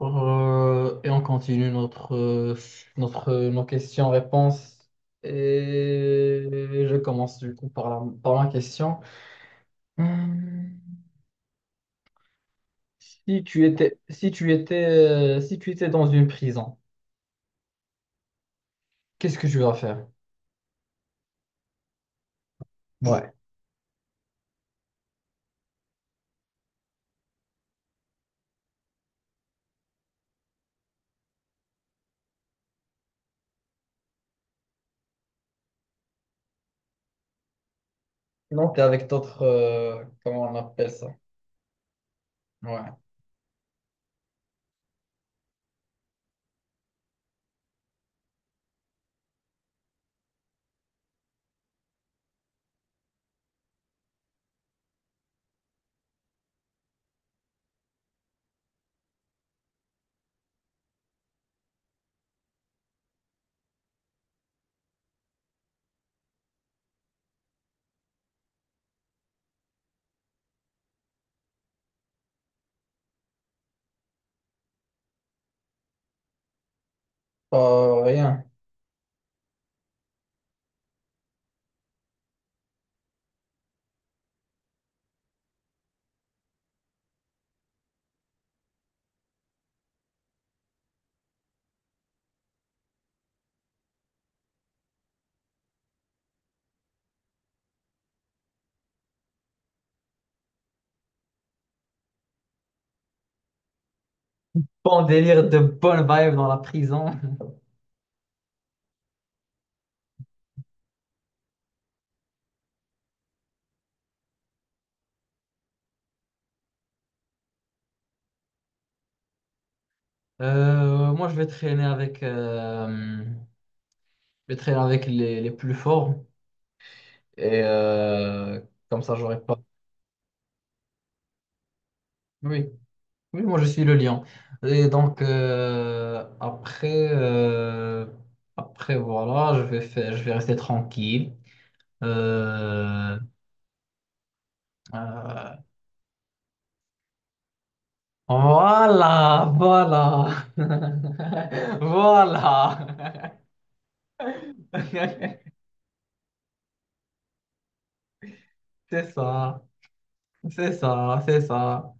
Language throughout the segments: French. Et on continue nos questions-réponses. Et je commence du coup par par ma question. Hmm, si tu étais, si tu étais dans une prison, qu'est-ce que tu vas faire? Ouais. Non, t'es avec d'autres, comment on appelle ça? Ouais. Pas rien. Bon délire de bonne vibe dans la prison. Moi, je vais traîner avec, je vais traîner avec les plus forts. Et comme ça, j'aurais pas. Oui, oui, moi je suis le lion. Et donc, après, après voilà, je vais rester tranquille. Euh, euh, voilà, voilà, voilà. C'est ça, c'est ça, c'est ça.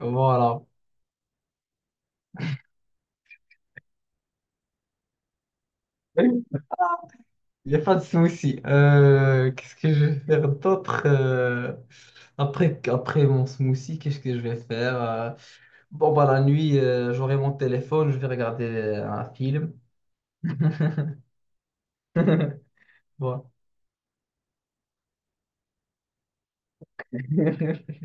Voilà. Il n'y a pas de souci. Qu'est-ce que je vais faire d'autre, après mon smoothie, qu'est-ce que je vais faire? Bon, la nuit, j'aurai mon téléphone, je vais regarder un film. Voilà.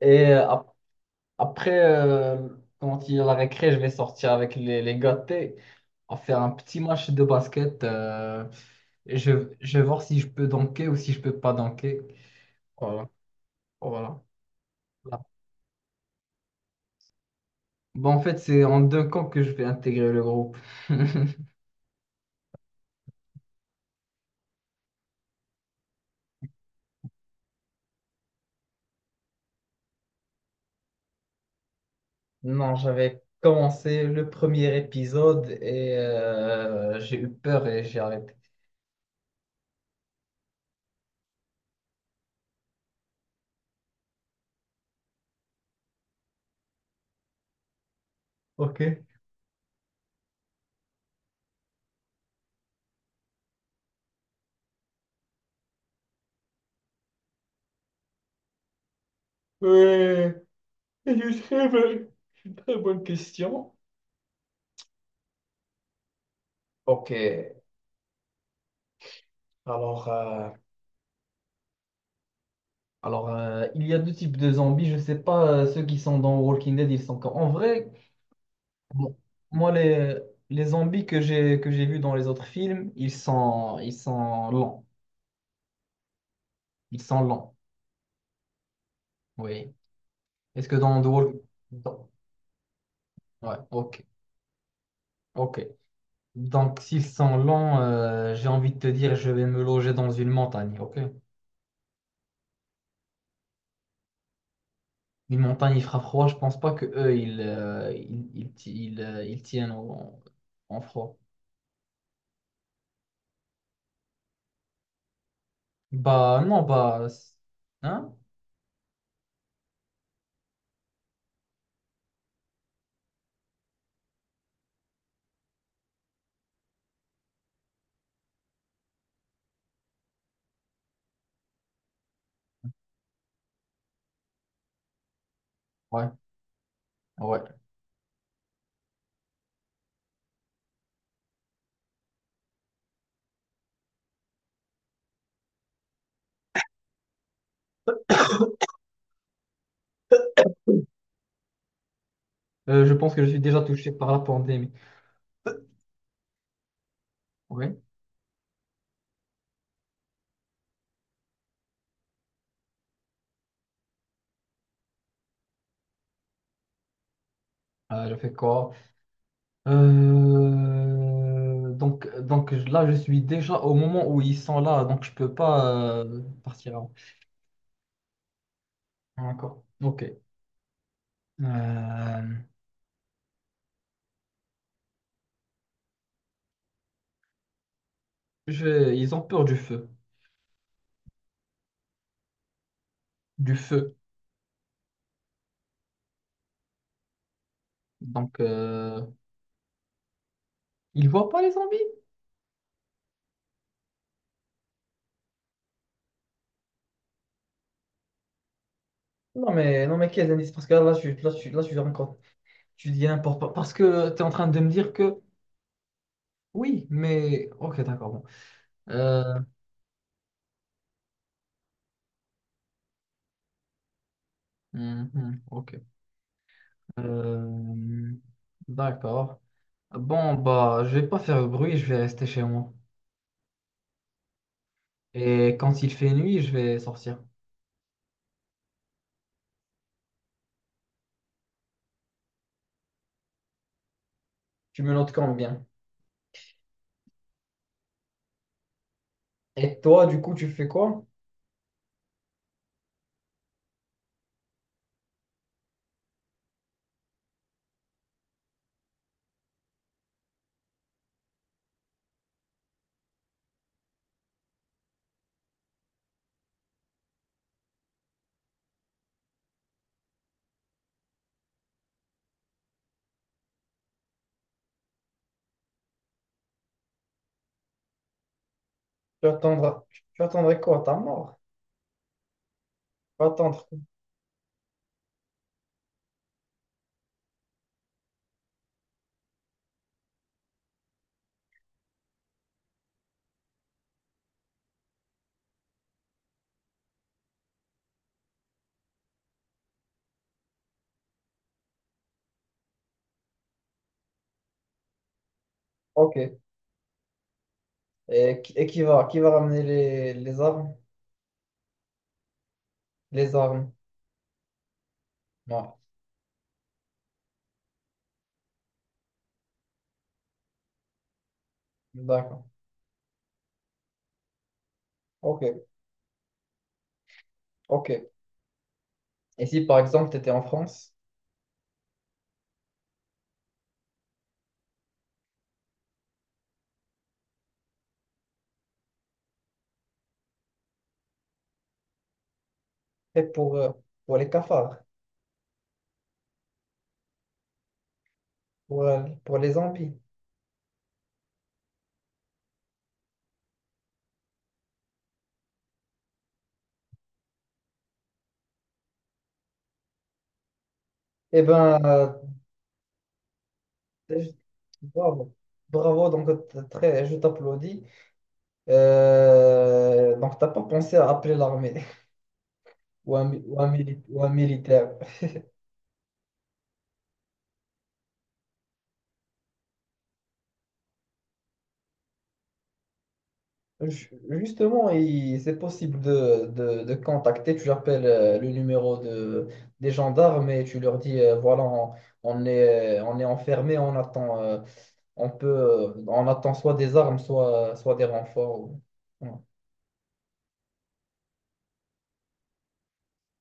Et après, quand il y a la récré, je vais sortir avec les gâtés. On va faire un petit match de basket. Et je vais voir si je peux dunker ou si je peux pas dunker. Voilà. Voilà. Bon, en fait, c'est en deux camps que je vais intégrer le groupe. Non, j'avais commencé le premier épisode et j'ai eu peur et j'ai arrêté. Ok. Ouais, c'est une très bonne question. Ok. Alors, euh, alors, il y a deux types de zombies. Je sais pas, ceux qui sont dans Walking Dead, ils sont quand... En vrai, bon, moi, les zombies que j'ai vus dans les autres films, ils sont lents. Ils sont lents. Oui. Est-ce que dans Underworld... dans- Ouais, ok, ok. Donc, s'ils sont lents, j'ai envie de te dire, je vais me loger dans une montagne, ok? Une montagne, il fera froid, je pense pas que eux, ils tiennent en froid. Bah, non, bah... c'est- Hein? Ouais, ouais. Je pense que je suis déjà touché par la pandémie. Ouais. Je fais quoi? Là, je suis déjà au moment où ils sont là, donc je peux pas partir. D'accord. Ok. Euh, Ils ont peur du feu. Du feu. Donc, euh, ils voient pas les zombies? Non, mais, non, mais quels indices? Parce que là, je suis encore. Tu dis n'importe quoi. Parce que tu es en train de me dire que. Oui, mais. Ok, d'accord. Bon. Euh, ok. Euh, D'accord. Bon, bah, je vais pas faire de bruit, je vais rester chez moi. Et quand il fait nuit, je vais sortir. Tu me notes quand bien. Et toi, du coup, tu fais quoi? Tu attendras, tu attendrais quoi? Ta mort? Tu vas attendre. Ok. Et, qui- et qui va ramener les armes? Les armes. Ouais. D'accord. Ok. Ok. Et si par exemple tu étais en France, et pour les cafards, pour les zombies, eh ben, je- bravo. Bravo, donc très, je t'applaudis. Donc t'as pas pensé à appeler l'armée ou un ou un militaire. Justement, c'est possible de contacter. Tu appelles le numéro des gendarmes et tu leur dis voilà, on, on est enfermé, on attend, on peut, on attend soit des armes, soit des renforts. Ou- Voilà.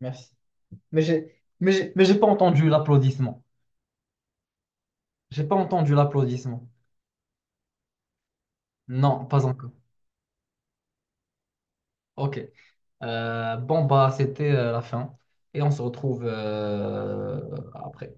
Merci. Mais j'ai, mais j'ai pas entendu l'applaudissement. J'ai pas entendu l'applaudissement. Non, pas encore. Ok. Bon, bah, c'était la fin. Et on se retrouve après.